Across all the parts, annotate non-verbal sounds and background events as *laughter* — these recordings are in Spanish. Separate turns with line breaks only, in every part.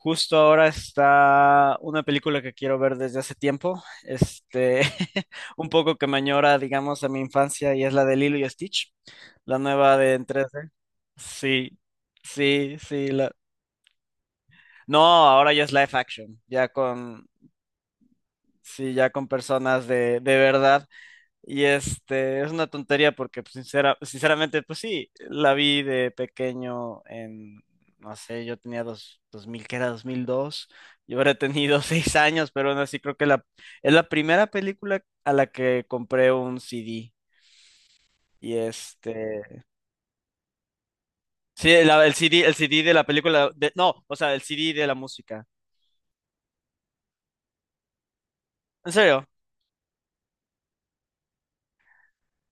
Justo ahora está una película que quiero ver desde hace tiempo, *laughs* un poco que me añora, digamos, a mi infancia y es la de Lilo y Stitch, la nueva de en 3D. Sí, sí, sí. No, ahora ya es live action, ya con, sí, ya con personas de verdad. Y es una tontería porque pues, sinceramente, pues sí, la vi de pequeño en, no sé, yo tenía 2000 que era 2002. Yo habré tenido *laughs* 6 años, pero aún así creo que la, es la primera película a la que compré un CD. Y sí, el CD de la película, de, no, o sea, el CD de la música. En serio.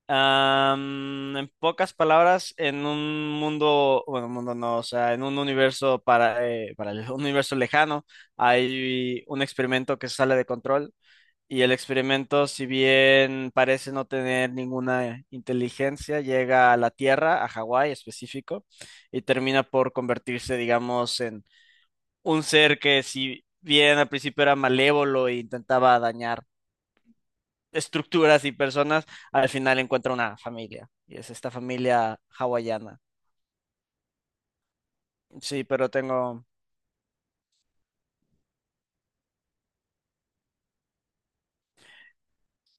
En pocas palabras, en un mundo, bueno, mundo no, o sea, en un universo para un universo lejano, hay un experimento que sale de control y el experimento, si bien parece no tener ninguna inteligencia, llega a la Tierra, a Hawái específico, y termina por convertirse, digamos, en un ser que si bien al principio era malévolo e intentaba dañar estructuras y personas, al final encuentra una familia. Y es esta familia hawaiana. Sí, pero tengo.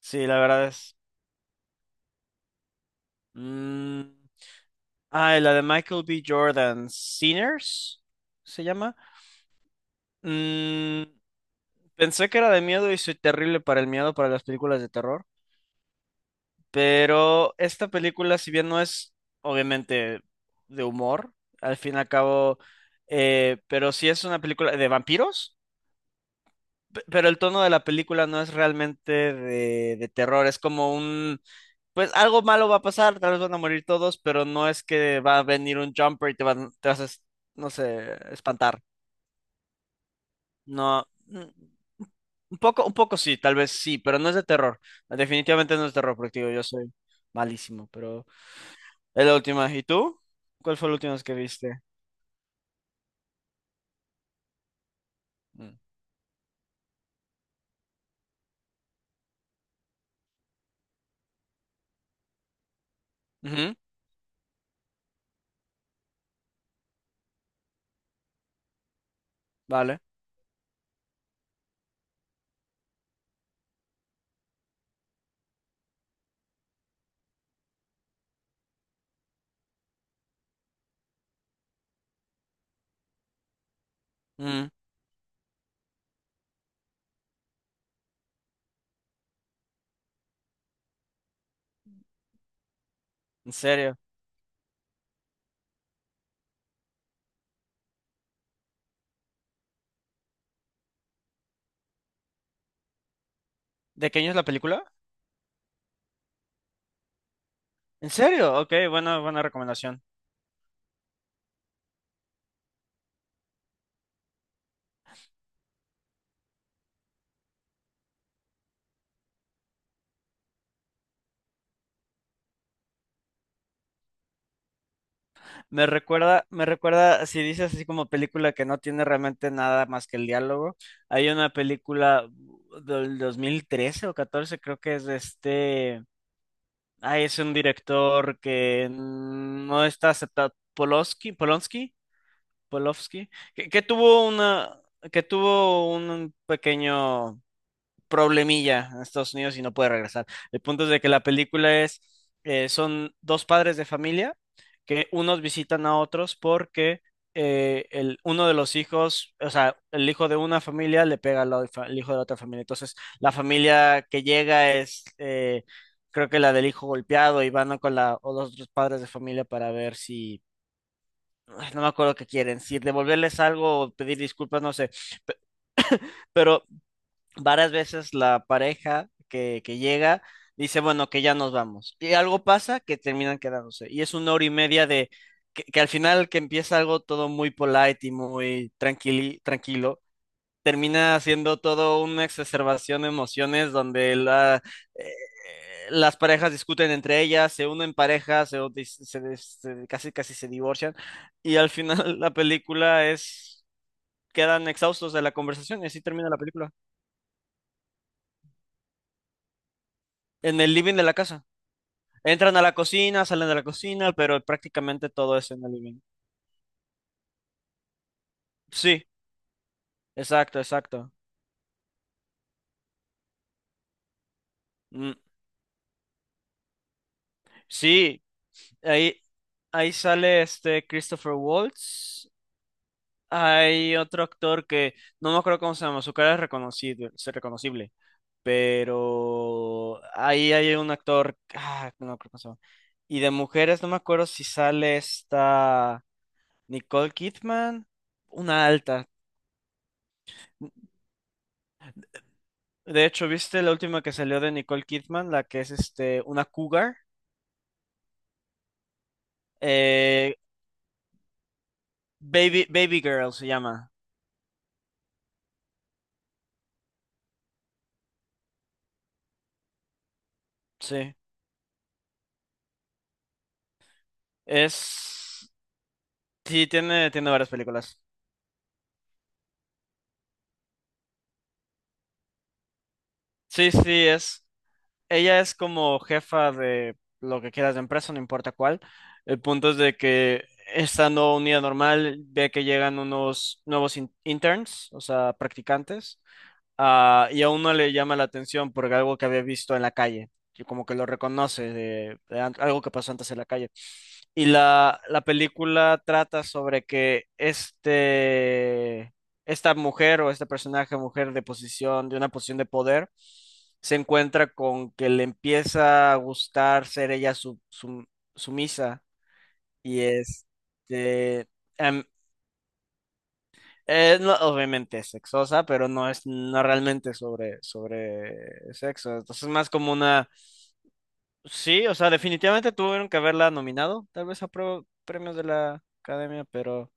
Sí, la verdad es. mm, Ah, la de Michael B. Jordan, Sinners, se llama. Mm, Pensé que era de miedo y soy terrible para el miedo, para las películas de terror. Pero esta película, si bien no es obviamente de humor, al fin y al cabo, pero sí es una película de vampiros. Pero el tono de la película no es realmente de terror, es como un, pues algo malo va a pasar, tal vez van a morir todos, pero no es que va a venir un jumper y te van, te vas a, no sé, espantar. No, un poco sí, tal vez sí, pero no es de terror. Definitivamente no es de terror, porque digo, yo soy malísimo, pero es la última. ¿Y tú? ¿Cuál fue la última vez que viste? Mm. Ujú. Vale. Mm. ¿En serio? ¿De qué año es la película? ¿En serio? Ok, buena, buena recomendación. Me recuerda, si dices así como película que no tiene realmente nada más que el diálogo, hay una película del 2013 o 14 creo que es de este, es un director que no está aceptado, Polowski, Polonsky, Polowski, que tuvo que tuvo un pequeño problemilla en Estados Unidos y no puede regresar. El punto es de que la película son dos padres de familia que unos visitan a otros porque uno de los hijos, o sea, el hijo de una familia le pega al hijo de la otra familia. Entonces, la familia que llega creo que la del hijo golpeado y van con la, o los otros padres de familia para ver si... Ay, no me acuerdo qué quieren, si devolverles algo o pedir disculpas, no sé. Pero varias veces la pareja que llega dice, bueno, que ya nos vamos. Y algo pasa que terminan quedándose. Y es una hora y media de que al final que empieza algo todo muy polite y muy tranquilo, termina siendo todo una exacerbación de emociones donde la, eh, las parejas discuten entre ellas, se unen parejas, se- se- casi casi se divorcian. Y al final *laughs* la película es... Quedan exhaustos de la conversación y así termina la película. En el living de la casa. Entran a la cocina, salen de la cocina, pero prácticamente todo es en el living. Sí, exacto, exacto. Mm, sí, ahí, ahí sale este Christopher Waltz. Hay otro actor que no me acuerdo cómo se llama, su cara es reconocible, pero ahí hay un actor, no me acuerdo cómo se llama. Y de mujeres no me acuerdo si sale esta Nicole Kidman, una alta. De hecho, ¿viste la última que salió de Nicole Kidman? La que es este una cougar. Eh, Baby Girl se llama. Sí. Es. Sí, tiene varias películas. Sí, sí, es. Ella es como jefa de lo que quieras de empresa, no importa cuál. El punto es de que estando un día normal, ve que llegan unos nuevos interns, o sea, practicantes, y a uno le llama la atención por algo que había visto en la calle, que como que lo reconoce de algo que pasó antes en la calle. Y la película trata sobre que esta mujer o este personaje mujer de posición, de una posición de poder, se encuentra con que le empieza a gustar ser ella su, sumisa y es eh, em, no, obviamente es sexosa, pero no es no realmente sobre sexo. Entonces es más como una... Sí, o sea, definitivamente tuvieron que haberla nominado, tal vez a premios de la academia, pero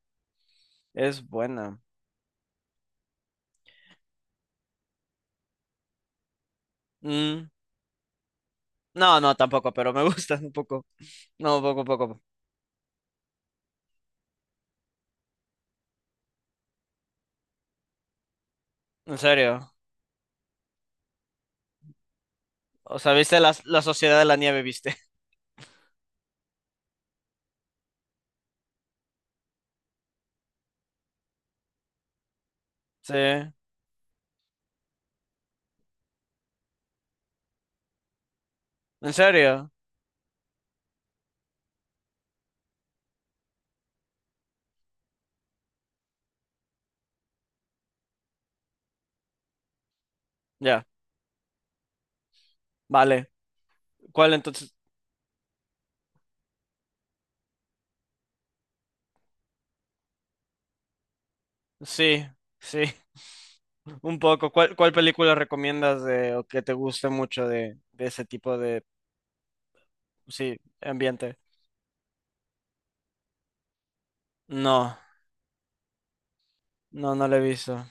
es buena. Mm, No, no, tampoco, pero me *laughs* gusta un poco. No, poco, poco, poco. En serio. O sea, viste la Sociedad de la Nieve, viste. *laughs* Sí. En serio. Ya. Vale. ¿Cuál entonces? Sí. Sí. *laughs* Un poco. ¿Cuál película recomiendas de, o que te guste mucho de ese tipo de, sí, ambiente? No. No, no la he visto.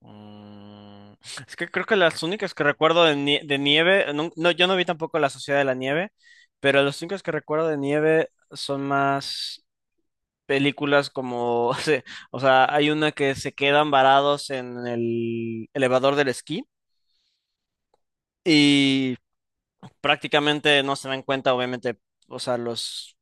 Mm, Es que creo que las únicas que recuerdo de nieve, no, no, yo no vi tampoco La Sociedad de la Nieve, pero las únicas que recuerdo de nieve son más. Películas como, *laughs* o sea, hay una que se quedan varados en el elevador del esquí prácticamente no se dan cuenta, obviamente, o sea, los,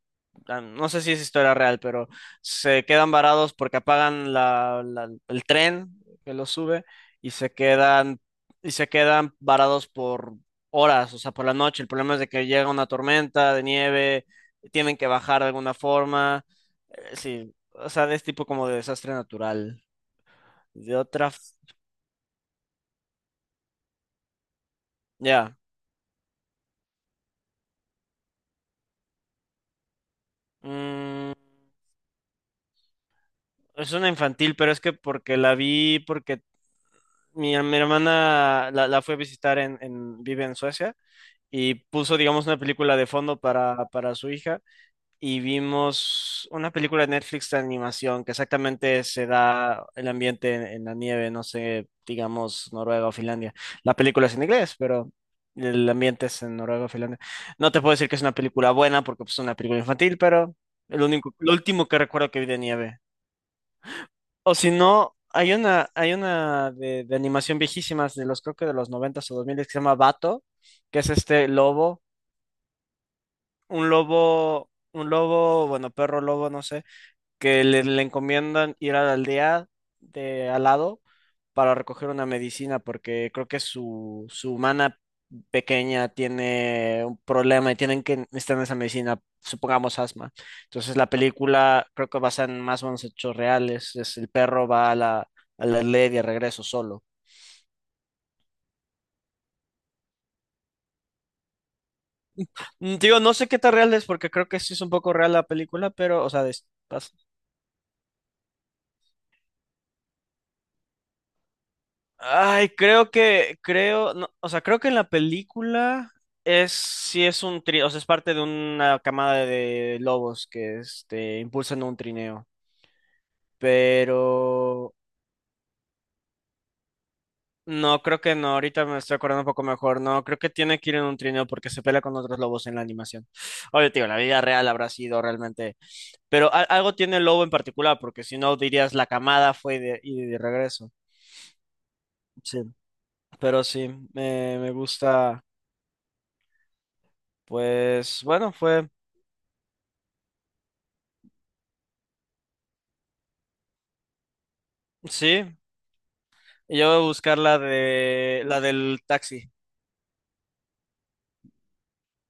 ah, no sé si es historia real, pero se quedan varados porque apagan el tren que los sube y se quedan varados por horas, o sea, por la noche. El problema es de que llega una tormenta de nieve, tienen que bajar de alguna forma, sí, o sea, es tipo como de desastre natural. De otra, f- ya. Mm, es una infantil, pero es que porque la vi, porque mi hermana la fue a visitar en, vive en Suecia y puso, digamos, una película de fondo para su hija y vimos una película de Netflix de animación que exactamente se da el ambiente en la nieve, no sé, digamos, Noruega o Finlandia. La película es en inglés, pero el ambiente es en Noruega o Finlandia. No te puedo decir que es una película buena porque pues, es una película infantil, pero el único, lo último que recuerdo que vi de nieve. O si no, hay una, hay una de animación viejísimas creo que de los 90 o 2000 que se llama Bato, que es este lobo, un lobo, bueno, perro lobo, no sé, que le encomiendan ir a la aldea de al lado para recoger una medicina, porque creo que su humana pequeña tiene un problema y tienen que necesitar esa medicina, supongamos asma. Entonces la película creo que basa en más o menos hechos reales, es el perro va a la aldea y de regreso solo. Digo, no sé qué tan real es porque creo que sí es un poco real la película, pero, o sea, Ay, no, o sea, creo que en la película sí es un trineo, o sea, es parte de una camada de lobos que, este, impulsan un trineo, pero no, creo que no, ahorita me estoy acordando un poco mejor, no, creo que tiene que ir en un trineo porque se pelea con otros lobos en la animación. Oye, tío, la vida real habrá sido realmente, pero algo tiene el lobo en particular, porque si no dirías la camada fue y de regreso. Sí. Pero sí, me gusta, pues, bueno, fue. Sí, y yo voy a buscar la de la del taxi.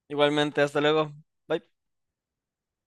Igualmente, hasta luego. Bye.